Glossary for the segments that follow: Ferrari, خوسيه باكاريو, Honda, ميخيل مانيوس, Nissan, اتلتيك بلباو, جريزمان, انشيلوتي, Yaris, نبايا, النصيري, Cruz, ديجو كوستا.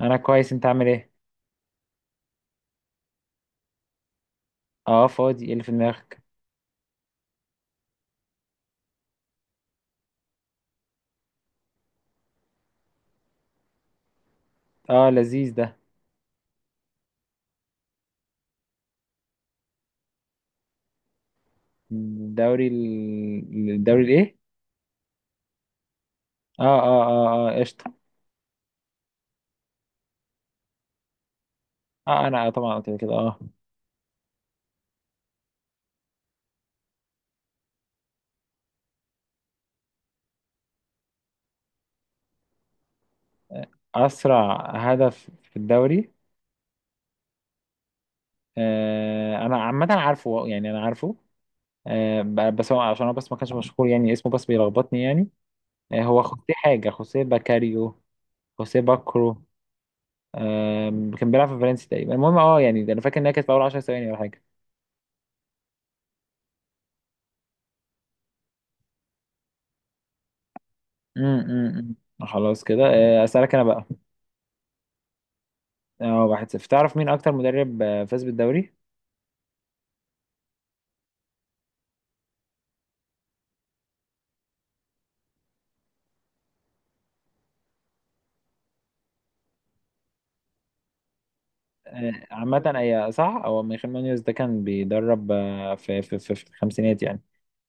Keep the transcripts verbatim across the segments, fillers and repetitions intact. انا كويس، انت عامل ايه؟ اه فاضي؟ ايه اللي في دماغك؟ اه لذيذ ده. الدوري ال... الدوري الايه؟ اه اه اه اه قشطه. اه انا طبعا قلت كده. اه اسرع هدف في الدوري. آه انا عامه عارفه، يعني انا عارفه. آه ب- بس هو، عشان هو بس ما كانش مشهور يعني، اسمه بس بيلخبطني يعني. آه هو خوسيه حاجه، خوسيه باكاريو. خوسيه باكرو. آه كان بيلعب في فالنسيا تقريبا. المهم، اه يعني ده انا فاكر انها كانت في اول عشر ثواني ولا حاجه. امم خلاص كده. آه اسالك انا بقى. اه واحد صفر. تعرف مين اكتر مدرب آه، فاز بالدوري؟ آه، عامة، اي صح، هو ميخيل مانيوس ده كان بيدرب آه، في في في في الخمسينات يعني.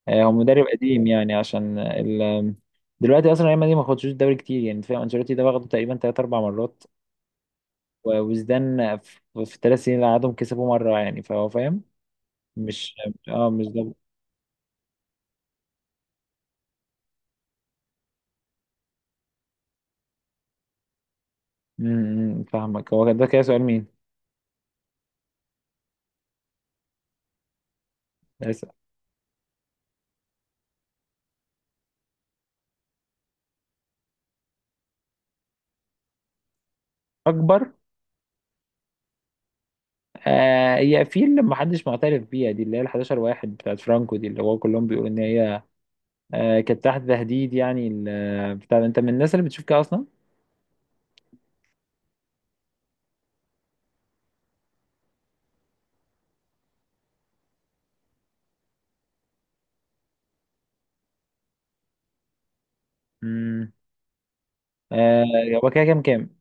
آه، هو مدرب قديم يعني، عشان آه، ال دلوقتي اصلا ريال مدريد ما خدتش الدوري كتير يعني، فاهم؟ انشيلوتي ده واخده تقريبا تلات اربع مرات. و- وزدان في في الثلاث سنين اللي قعدهم كسبوا مرة يعني، فهو فاهم. مش… اه مش ده. م- م، فاهمك. هو ده كده سؤال مين؟ بس اكبر. آه هي في اللي محدش معترف بيها، دي اللي هي ال حداشر واحد بتاعت فرانكو، دي اللي هو كلهم بيقولوا ان هي آه كانت تحت تهديد يعني. ال- آه، بتاع، انت من الناس اللي بتشوف كده اصلا؟ امم آه هو كده كام كام؟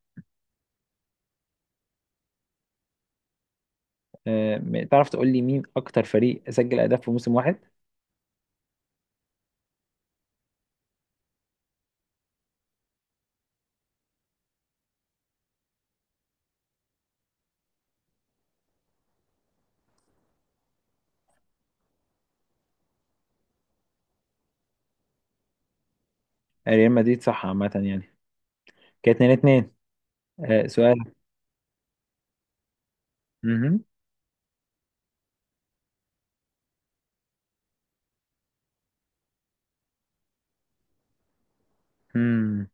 آه م- تعرف تقول لي مين اكتر فريق سجل اهداف في موسم واحد؟ آه، ريال مدريد صح، عامة يعني. كانت اتنين اتنين. آه سؤال. امم امم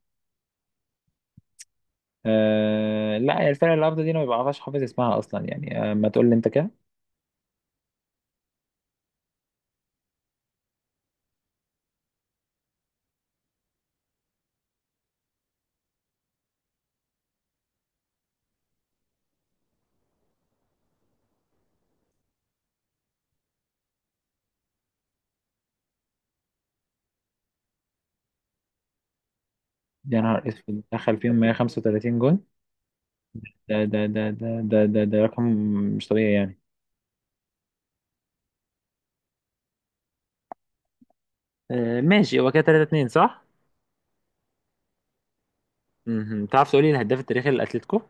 آه لا، هي الفرقة اللي قبل دي انا ما بعرفش حافظ اسمها اصلا يعني. آه ما تقول لي انت كده. يا نهار اسود، دخل فيهم مية وخمسة وتلاتين جون؟ ده ده ده ده ده ده, ده رقم مش طبيعي يعني. آه ماشي. هو كده تلاتة اتنين صح؟ مهم. تعرف تقولي الهداف التاريخي للاتليتيكو؟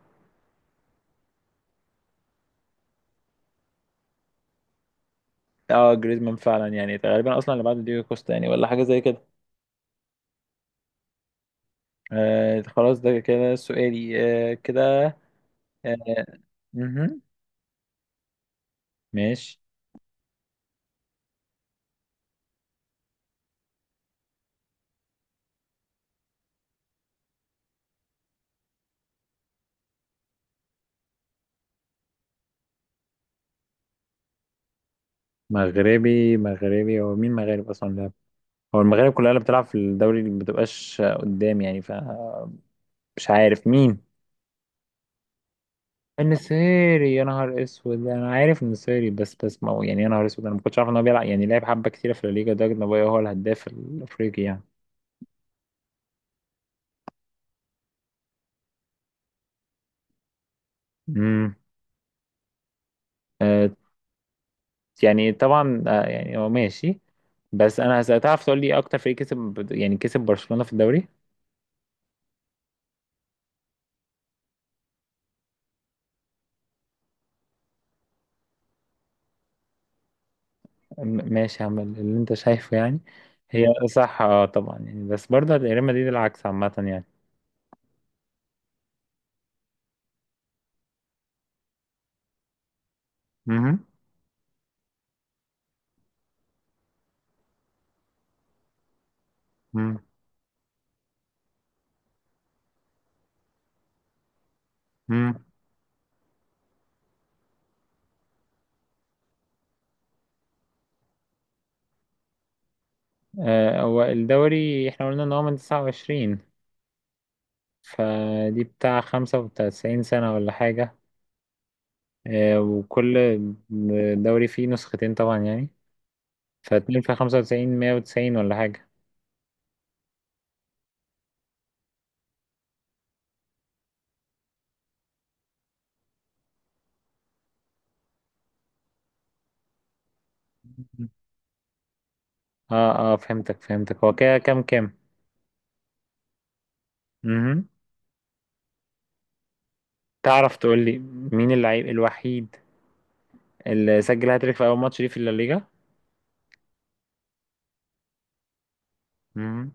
اه جريزمان فعلا، يعني غالبا اصلا اللي بعده ديجو كوستا يعني، ولا حاجه زي كده. آه خلاص، ده كده سؤالي. آه كده آه مهم. ماشي. مغربي؟ مغربي هو مين مغرب اصلا ده؟ هو المغرب كلها اللي بتلعب في الدوري اللي ما بتبقاش قدام يعني، فمش عارف مين. النصيري؟ يا نهار اسود، انا عارف النصيري، بس بس ما هو يعني، يا نهار اسود، انا ما كنتش عارف ان هو بيلعب يعني، لعب حبه كتيره في الليجا ده؟ نبايا، هو هو الهداف الافريقي يعني. امم آه يعني طبعا، آه يعني هو ماشي. بس انا هسأل: تعرف تقول لي اكتر فريق كسب يعني كسب برشلونه في الدوري؟ م- ماشي، هعمل اللي انت شايفه يعني. هي صح، اه طبعا يعني، بس برضه ريال مدريد العكس عامه يعني. امم امم آه هو الدوري احنا قلنا ان هو من تسعة وعشرين، فدي بتاع خمسة وتسعين سنة ولا حاجة. آه، وكل دوري فيه نسختين طبعا يعني، فاتنين في خمسة وتسعين مية وتسعين ولا حاجة. اه اه فهمتك فهمتك. هو كده كام كام؟ مهم. تعرف تقول لي مين اللعيب الوحيد اللي سجل هاتريك في أول ماتش ليه في الليجا؟ مهم.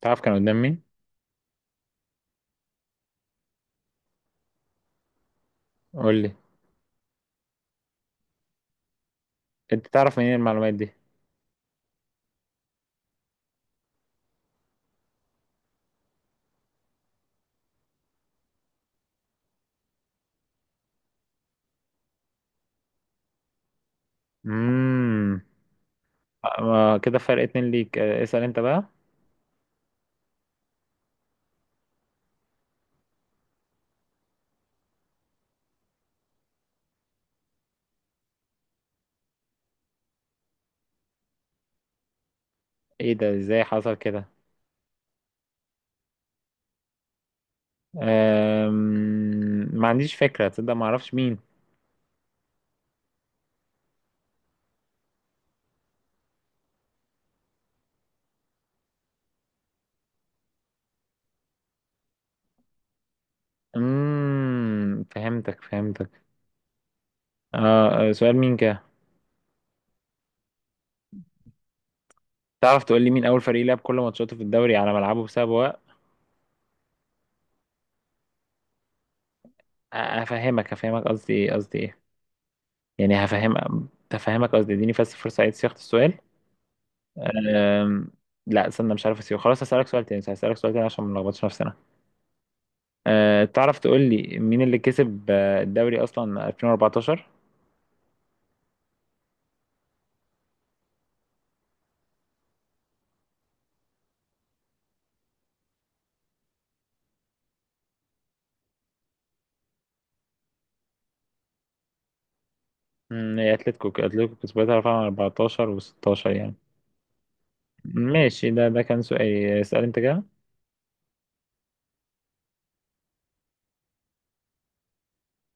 تعرف كان قدام مين؟ قول لي. انت تعرف منين المعلومات دي؟ امم آه، آه، كده فرق اتنين ليك. آه، اسأل انت بقى. ايه ده؟ ازاي حصل كده؟ أم... ما عنديش فكرة، تصدق، ما اعرفش مين. امم فهمتك فهمتك. آه آه، سؤال مين كده؟ تعرف تقول لي مين اول فريق لعب كل ماتشاته في الدوري على ملعبه بسبب وقت؟ هفهمك هفهمك قصدي ايه، قصدي ايه، يعني هفهم، هفهمك قصدي، اديني بس فرصة اعيد صياغة السؤال. أم... لا، استنى، مش عارف، اسيبه خلاص، هسألك سؤال تاني، هسألك سؤال تاني عشان ما نلخبطش نفسنا. أه تعرف تقول لي مين اللي كسب آه، الدوري اصلا ألفين واربعة عشر؟ امم هي اتلتيكو، اتلتيكو كسبتها فعلا اربعتاشر وستاشر يعني. ماشي، ده ده كان سؤالي. اسأل انت كده.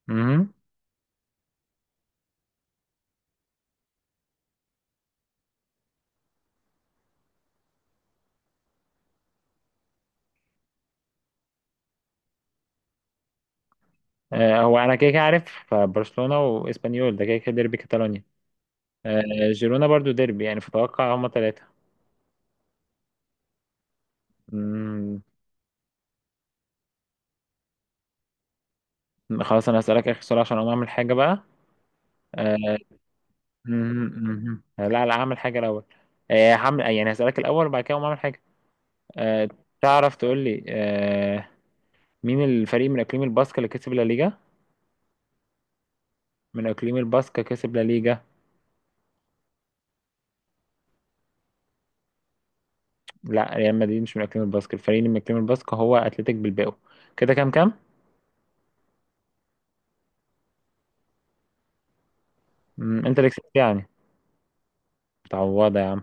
مهم. آه هو انا كده كده عارف برشلونة واسبانيول، ده كده كده ديربي كاتالونيا. آه جيرونا برضو ديربي يعني، فتوقع هما ثلاثة. خلاص، انا هسألك اخر سؤال عشان اقوم اعمل حاجة بقى. آه مهم، مهم. لا لا، اعمل حاجة الاول. آه هعمل يعني، هسألك الاول وبعد كده اقوم اعمل حاجة. آه تعرف تقول لي آه مين الفريق من اقليم الباسكا اللي كسب لا ليجا؟ من اقليم الباسكا كسب لا ليجا. لا، ريال مدريد مش من اكاديمية الباسك، الفريق اللي من اكاديمية الباسك هو اتلتيك بلباو. كده كام كام؟ مم، انت اللي كسبت يعني. متعوضة يا عم.